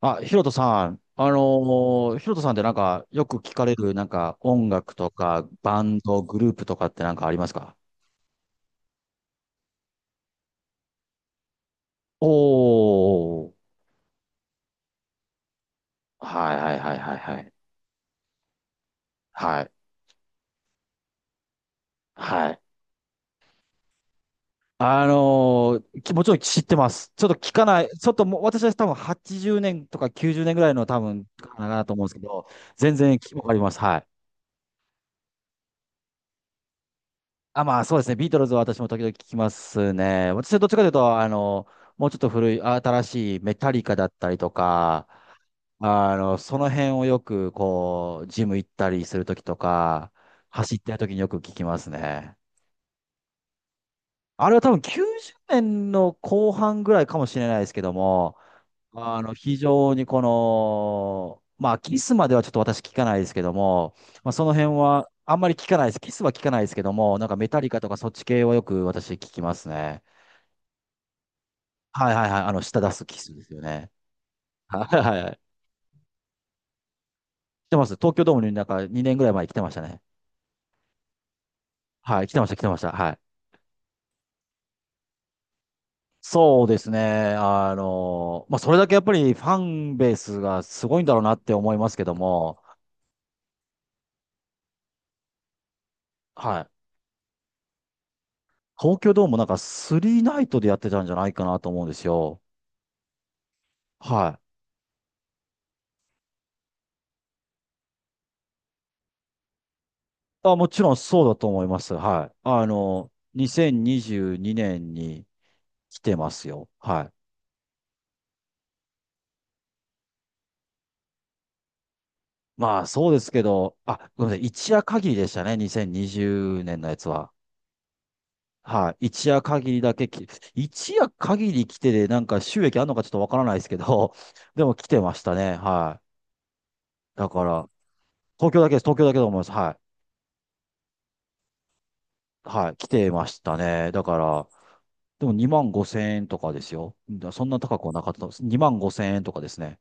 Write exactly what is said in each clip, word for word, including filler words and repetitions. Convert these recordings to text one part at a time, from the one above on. あ、ヒロトさん、あのー、ヒロトさんってなんか、よく聞かれる、なんか、音楽とか、バンド、グループとかってなんかありますか？おー。はいはいはいはいはい。はい、はい。あのー、きもちろん知ってます。ちょっと聞かない、ちょっともう、私は多分はちじゅうねんとかきゅうじゅうねんぐらいの多分、かなと思うんですけど、全然きわかります。はい。あ、まあそうですね、ビートルズは私も時々聞きますね。私はどっちかというと、あのもうちょっと古い、新しいメタリカだったりとか、あの、その辺をよく、こう、ジム行ったりするときとか、走ってるときによく聞きますね。あれは多分きゅうじゅうねんの後半ぐらいかもしれないですけども、あの、非常にこの、まあ、キスまではちょっと私聞かないですけども、まあ、その辺はあんまり聞かないです。キスは聞かないですけども、なんかメタリカとかそっち系はよく私聞きますね。はいはいはい。あの、舌出すキスですよね。はいはいはい。来てます。東京ドームになんかにねんぐらい前に来てましたね。はい、来てました、来てました。はい。そうですね。あの、まあ、それだけやっぱりファンベースがすごいんだろうなって思いますけども、はい。東京ドームなんかスリーナイトでやってたんじゃないかなと思うんですよ。はい。あ、もちろんそうだと思います。はい。あの、にせんにじゅうにねんにじゅうにねんに来てますよ。はい。まあそうですけど、あ、ごめんなさい。一夜限りでしたね。にせんにじゅうねんのやつは。はい、一夜限りだけき、一夜限り来てで、なんか収益あるのかちょっとわからないですけど、でも来てましたね。はい。だから、東京だけです。東京だけだと思います。はい。はい。来てましたね。だから、でもにまんごせん円とかですよ。だそんな高くはなかったです。にまんごせん円とかですね。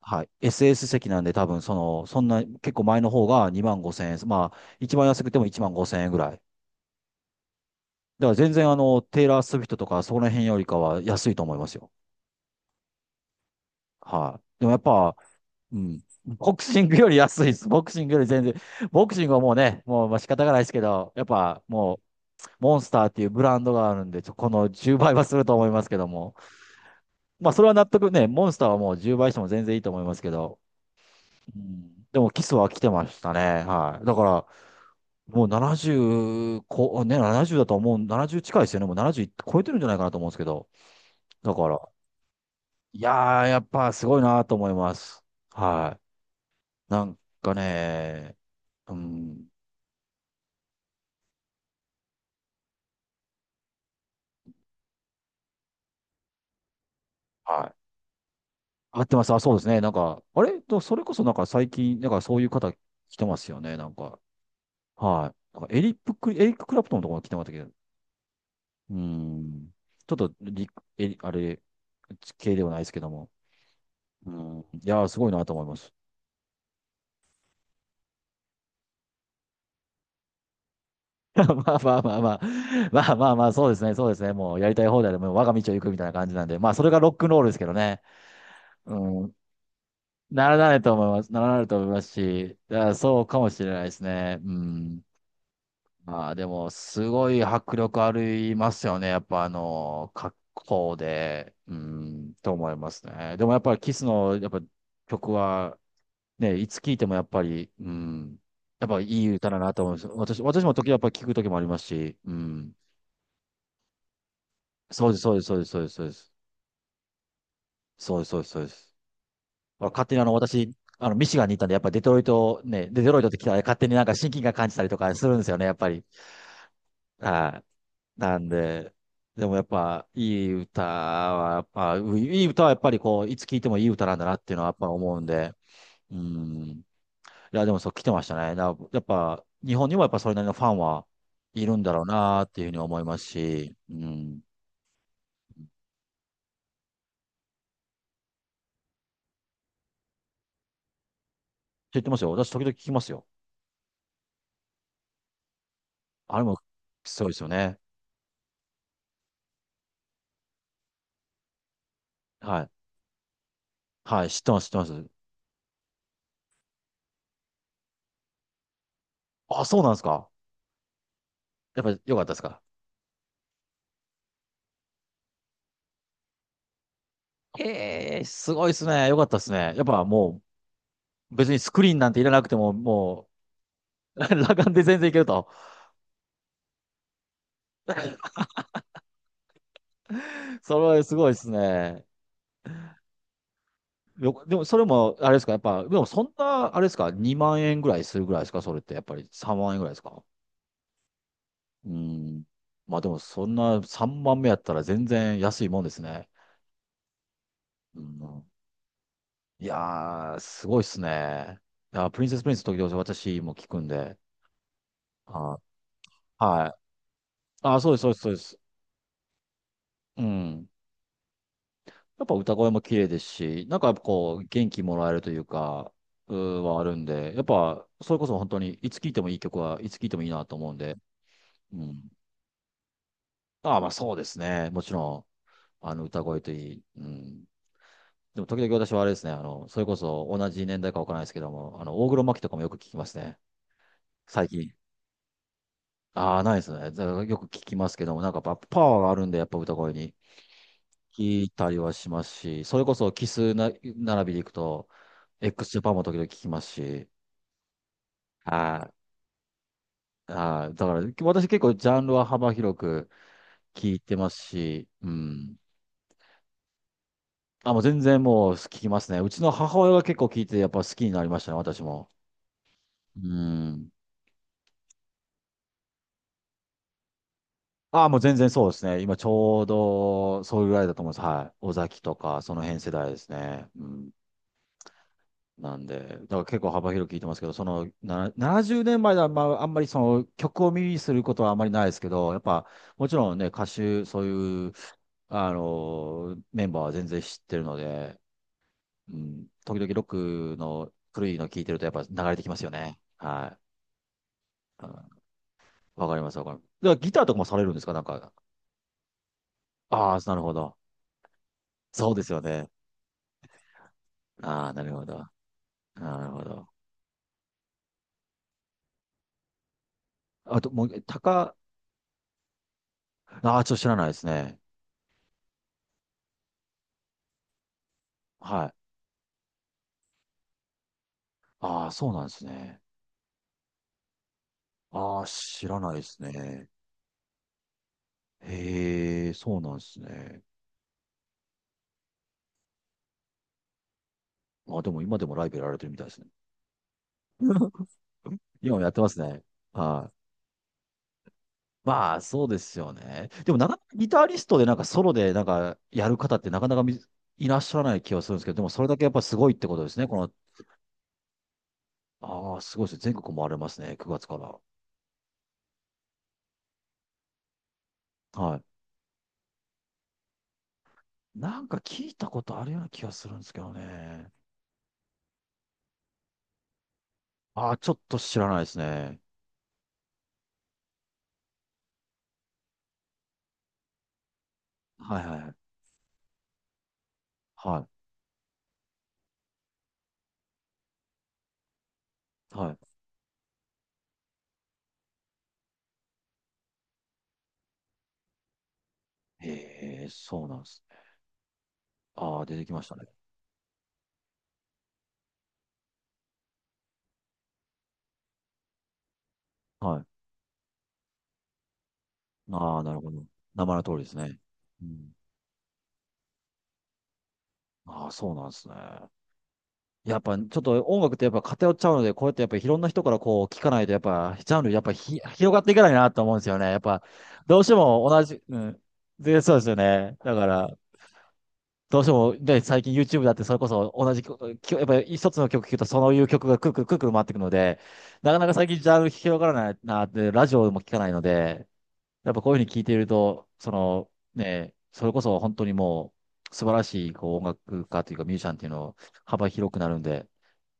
はい。エスエス 席なんで多分、その、そんな、結構前の方がにまんごせん円。まあ、一番安くてもいちまんごせん円ぐらい。だから全然あの、テイラー・スウィフトとかそこら辺よりかは安いと思いますよ。はい。でもやっぱ、うん。ボクシングより安いです。ボクシングより全然。ボクシングはもうね、もうまあ仕方がないですけど、やっぱもう、モンスターっていうブランドがあるんで、ちょこのじゅうばいはすると思いますけども。まあ、それは納得ね、モンスターはもうじゅうばいしても全然いいと思いますけど。うん、でも、キスは来てましたね。はい。だから、もうななじゅうこ、ね、ななじゅうだと思う、ななじゅう近いですよね。もうななじゅう超えてるんじゃないかなと思うんですけど。だから、いやー、やっぱすごいなと思います。はい。なんかね、うん。はい。合ってます。あ、そうですね。なんか、あれと、それこそなんか最近、なんかそういう方来てますよね。なんか、はい。なんかエリップク、エリック・クラプトンのところ来てましたけど、うーん。ちょっとリ、え、あれ、系ではないですけども。うん。いやー、すごいなと思います。まあまあまあまあ。まあまあまあ、そうですね。そうですね。もうやりたい放題で、もう我が道を行くみたいな感じなんで。まあ、それがロックンロールですけどね。うん。ならないと思います。ならないと思いますし、いやそうかもしれないですね。うん。ああ、でも、すごい迫力ありますよね。やっぱ、あの、格好で、うん、と思いますね。でも、やっぱり、キスの、やっぱ、曲は、ね、いつ聴いても、やっぱり、うん、やっぱ、いい歌だなと思います。私、私も時々、やっぱ、聴く時もありますし、うん。そうです、そうです、そうです、そうです、そうです。そうです、そうです、そうです。まあ勝手に、あの、私、あの、ミシガンに行ったんで、やっぱ、デトロイト、ね、でデトロイトって来たら、勝手になんか親近感感じたりとかするんですよね、やっぱり。はい。なんで、でもやっぱいい歌は、やっぱ、ういい歌はやっぱりこう、いつ聴いてもいい歌なんだなっていうのはやっぱ思うんで、うん。いや、でもそう来てましたね。な、やっぱ、日本にもやっぱそれなりのファンはいるんだろうなっていうふうに思いますし、うん。って言ってますよ。私、時々聞きますよ。あれも、そうですよね。はい。はい、知ってます、知ってます。あ、そうなんですか。やっぱ、良かったですか。ええ、すごいですね。良かったですね。やっぱ、もう、別にスクリーンなんていらなくても、もう、裸眼で全然いけると。それはすごいですね。よでも、それも、あれですか、やっぱ、でも、そんな、あれですか、にまん円ぐらいするぐらいですか、それって、やっぱりさんまん円ぐらいですか。うん。まあ、でも、そんなさんまんやったら全然安いもんですね。うん、いやー、すごいっすね。いやー、プリンセスプリンス時々私も聞くんで。あ、はい。あ、そうです、そうです、そうです。うん。やっぱ歌声も綺麗ですし、なんかやっぱこう、元気もらえるというか、うーはあるんで、やっぱ、それこそ本当に、いつ聴いてもいい曲はいつ聴いてもいいなと思うんで、うん。ああ、まあそうですね。もちろん、あの、歌声といい。うん。でも時々私はあれですね、あの、それこそ同じ年代かわからないですけども、あの、大黒摩季とかもよく聞きますね。最近。ああ、ないですね。だからよく聞きますけども、なんかやっぱパワーがあるんで、やっぱ歌声に。聞いたりはしますし、それこそキスな並びでいくと、x ジャパンも時々聞きますし、ああだから私結構ジャンルは幅広く聞いてますし、うん。あ、もう全然もう聞きますね。うちの母親が結構聞いてやっぱ好きになりましたね、私も。うん。あ、もう全然そうですね。今ちょうどそういうぐらいだと思います。はい。尾崎とか、その辺世代ですね。うん。なんで、だから結構幅広く聞いてますけど、そのなななじゅうねんまえでは、まあ、あんまりその曲を耳にすることはあまりないですけど、やっぱもちろんね、歌手、そういう、あの、メンバーは全然知ってるので、うん、時々ロックの古いの聞いてるとやっぱ流れてきますよね。はい。うん、わかります、わかります。ではギターとかもされるんですかなんか。ああ、なるほど。そうですよね。ああ、なるほど。なるほど。あと、もう、高、ああ、ちょっと知らないですね。はい。ああ、そうなんですね。ああ、知らないですね。へえ、そうなんですね。あ、でも今でもライブやられてるみたいですね。今もやってますね。はい。まあ、そうですよね。でも、なかなかギタリストでなんかソロでなんかやる方ってなかなかみいらっしゃらない気がするんですけど、でもそれだけやっぱすごいってことですね。この、ああ、すごいですね。全国回れますね。くがつから。はい。なんか聞いたことあるような気がするんですけどね。ああ、ちょっと知らないですね。はいはいはい。はい。はい。へえ、そうなんです。ああ、出てきましたね。はい。ああ、なるほど。名前の通りですね。うん。ああ、そうなんですね。やっぱ、ちょっと音楽ってやっぱ偏っちゃうので、こうやってやっぱいろんな人からこう聞かないと、やっぱ、ジャンルやっぱひ広がっていかないなと思うんですよね。やっぱ、どうしても同じ、うん。で、そうですよね。だから、どうしても、で、最近 YouTube だってそれこそ同じ曲、きょやっぱり一つの曲聴くとそういう曲がくるくるくるくる回ってくるので、なかなか最近ジャンル広がらないなって、ラジオも聞かないので、やっぱこういうふうに聞いていると、そのね、それこそ本当にもう素晴らしいこう音楽家というかミュージシャンっていうのを幅広くなるんで、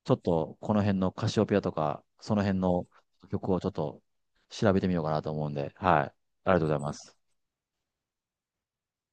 ちょっとこの辺のカシオペアとか、その辺の曲をちょっと調べてみようかなと思うんで、はい。ありがとうございます。